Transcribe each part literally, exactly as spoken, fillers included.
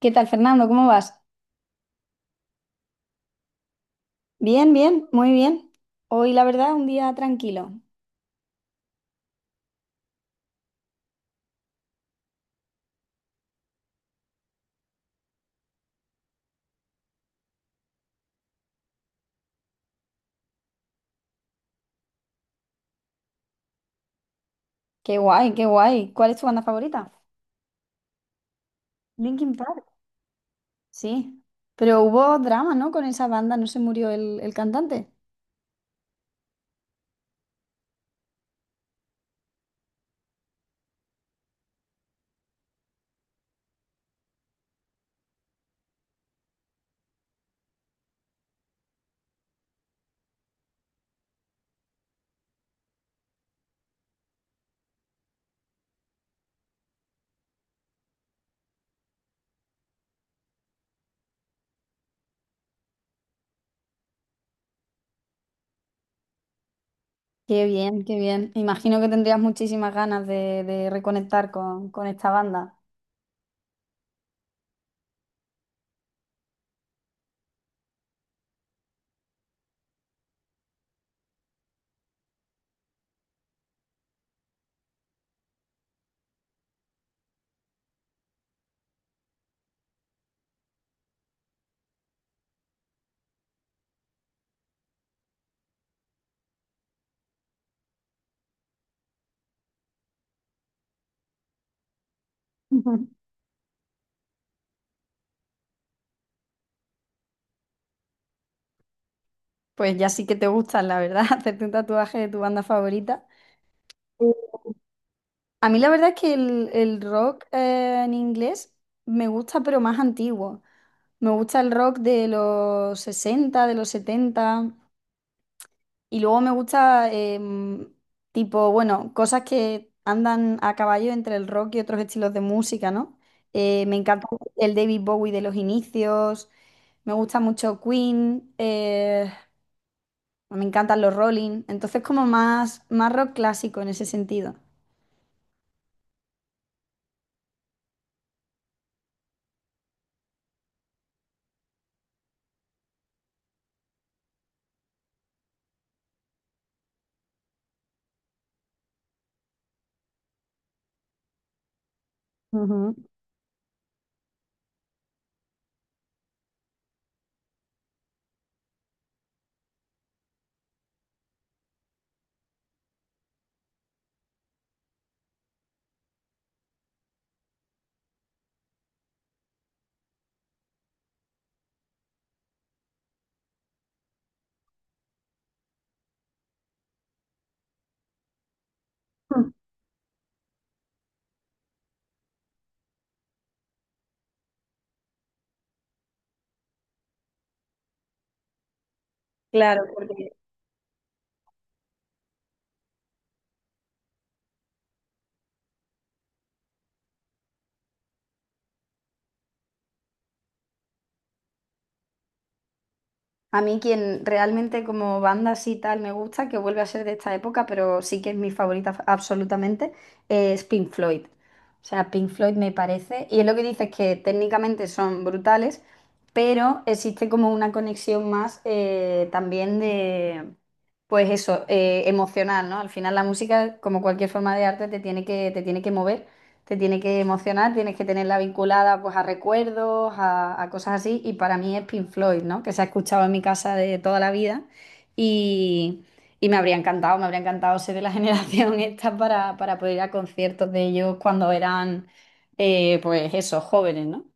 ¿Qué tal, Fernando? ¿Cómo vas? Bien, bien, muy bien. Hoy, la verdad, un día tranquilo. Qué guay, qué guay. ¿Cuál es tu banda favorita? Linkin Park. Sí. Pero hubo drama, ¿no? Con esa banda, ¿no se murió el, el cantante? Qué bien, qué bien. Imagino que tendrías muchísimas ganas de, de reconectar con, con esta banda. Ujú. Pues ya sí que te gustan, la verdad, hacerte un tatuaje de tu banda favorita. Eh, A mí la verdad es que el, el rock eh, en inglés me gusta, pero más antiguo. Me gusta el rock de los sesenta, de los setenta. Y luego me gusta, em, tipo, bueno, cosas que andan a caballo entre el rock y otros estilos de música, ¿no? Eh, me encanta el David Bowie de los inicios. Me gusta mucho Queen. Eh, me encantan los Rolling. Entonces, como más, más rock clásico en ese sentido. Ujú. Claro, porque a mí quien realmente como banda así tal me gusta, que vuelve a ser de esta época, pero sí que es mi favorita fa- absolutamente, eh, es Pink Floyd. O sea, Pink Floyd me parece, y es lo que dices, que técnicamente son brutales, pero existe como una conexión más eh, también de, pues eso, eh, emocional, ¿no? Al final la música, como cualquier forma de arte, te tiene que, te tiene que mover. Te tiene que emocionar, tienes que tenerla vinculada pues a recuerdos, a, a cosas así. Y para mí es Pink Floyd, ¿no? Que se ha escuchado en mi casa de toda la vida. Y, y me habría encantado, me habría encantado ser de la generación esta para, para poder ir a conciertos de ellos cuando eran, eh, pues eso, jóvenes, ¿no?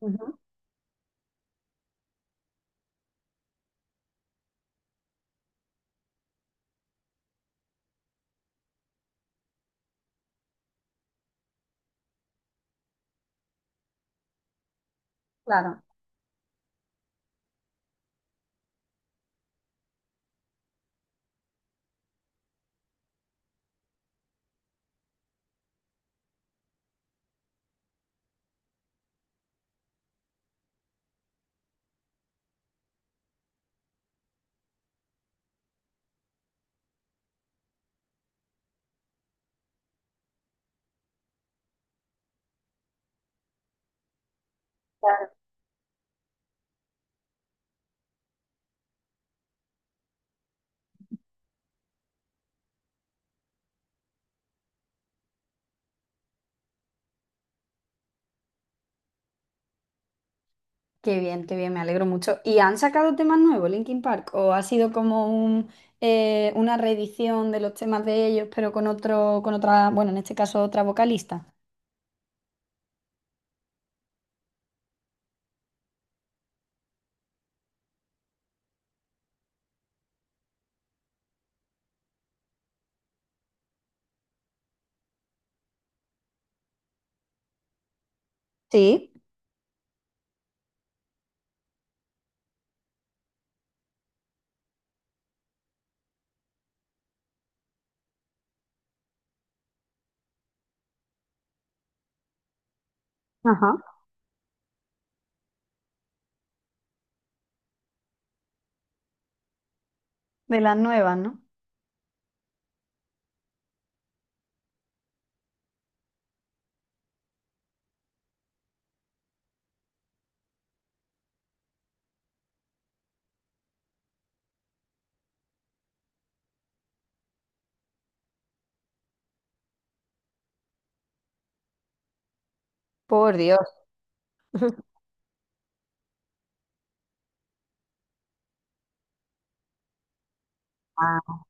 Ujú. Claro. Qué bien, qué bien, me alegro mucho. ¿Y han sacado temas nuevos, Linkin Park? ¿O ha sido como un, eh, una reedición de los temas de ellos, pero con otro, con otra, bueno, en este caso otra vocalista? Sí. Ajá. ¿De las nuevas, no? Por Dios. Ah.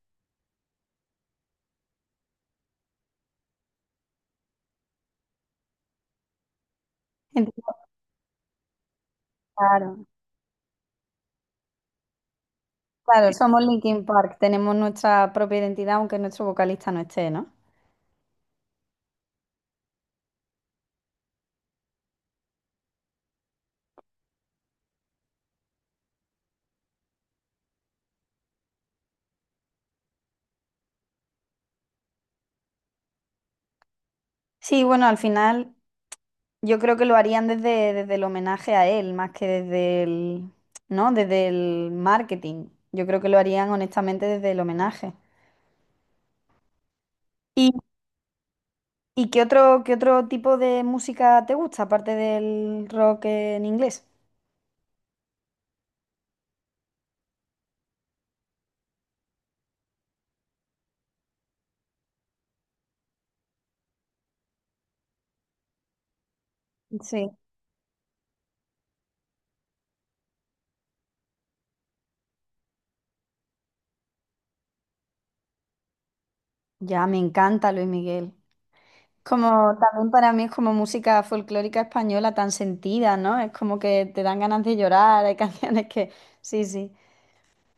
Entonces, claro, claro, somos Linkin Park, tenemos nuestra propia identidad, aunque nuestro vocalista no esté, ¿no? Sí, bueno, al final yo creo que lo harían desde, desde el homenaje a él, más que desde el, ¿no? Desde el marketing. Yo creo que lo harían honestamente desde el homenaje. ¿Y, y qué otro, qué otro tipo de música te gusta, aparte del rock en inglés? Sí. Ya, me encanta Luis Miguel. Como también para mí es como música folclórica española tan sentida, ¿no? Es como que te dan ganas de llorar, hay canciones que... Sí, sí.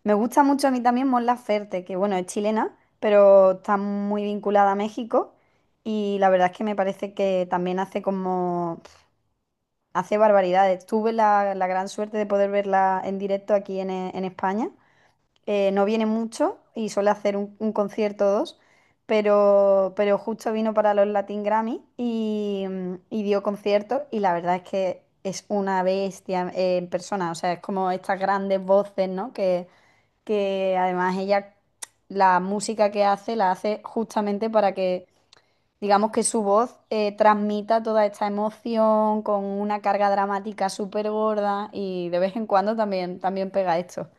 Me gusta mucho a mí también Mon Laferte, que bueno, es chilena, pero está muy vinculada a México, y la verdad es que me parece que también hace como... hace barbaridades. Tuve la, la gran suerte de poder verla en directo aquí en, en España. Eh, no viene mucho y suele hacer un, un concierto o dos, pero, pero justo vino para los Latin Grammy y, mm, y dio conciertos, y la verdad es que es una bestia eh, en persona, o sea, es como estas grandes voces, ¿no? Que, que además ella, la música que hace, la hace justamente para que, digamos, que su voz eh, transmita toda esta emoción con una carga dramática súper gorda y de vez en cuando también, también pega esto.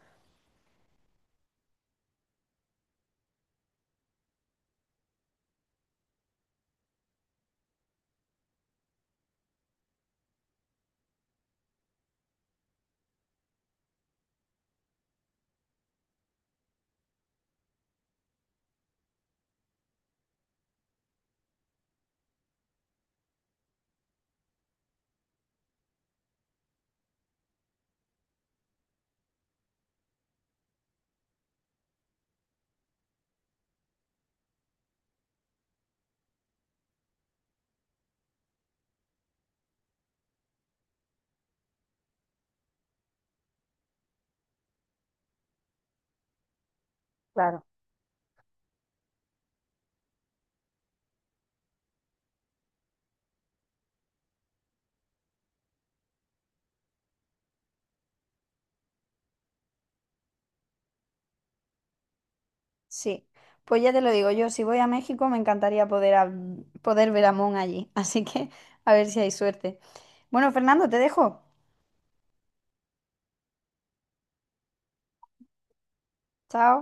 Sí, pues ya te lo digo yo, si voy a México me encantaría poder, hab- poder ver a Mon allí, así que a ver si hay suerte. Bueno, Fernando, te dejo. Chao.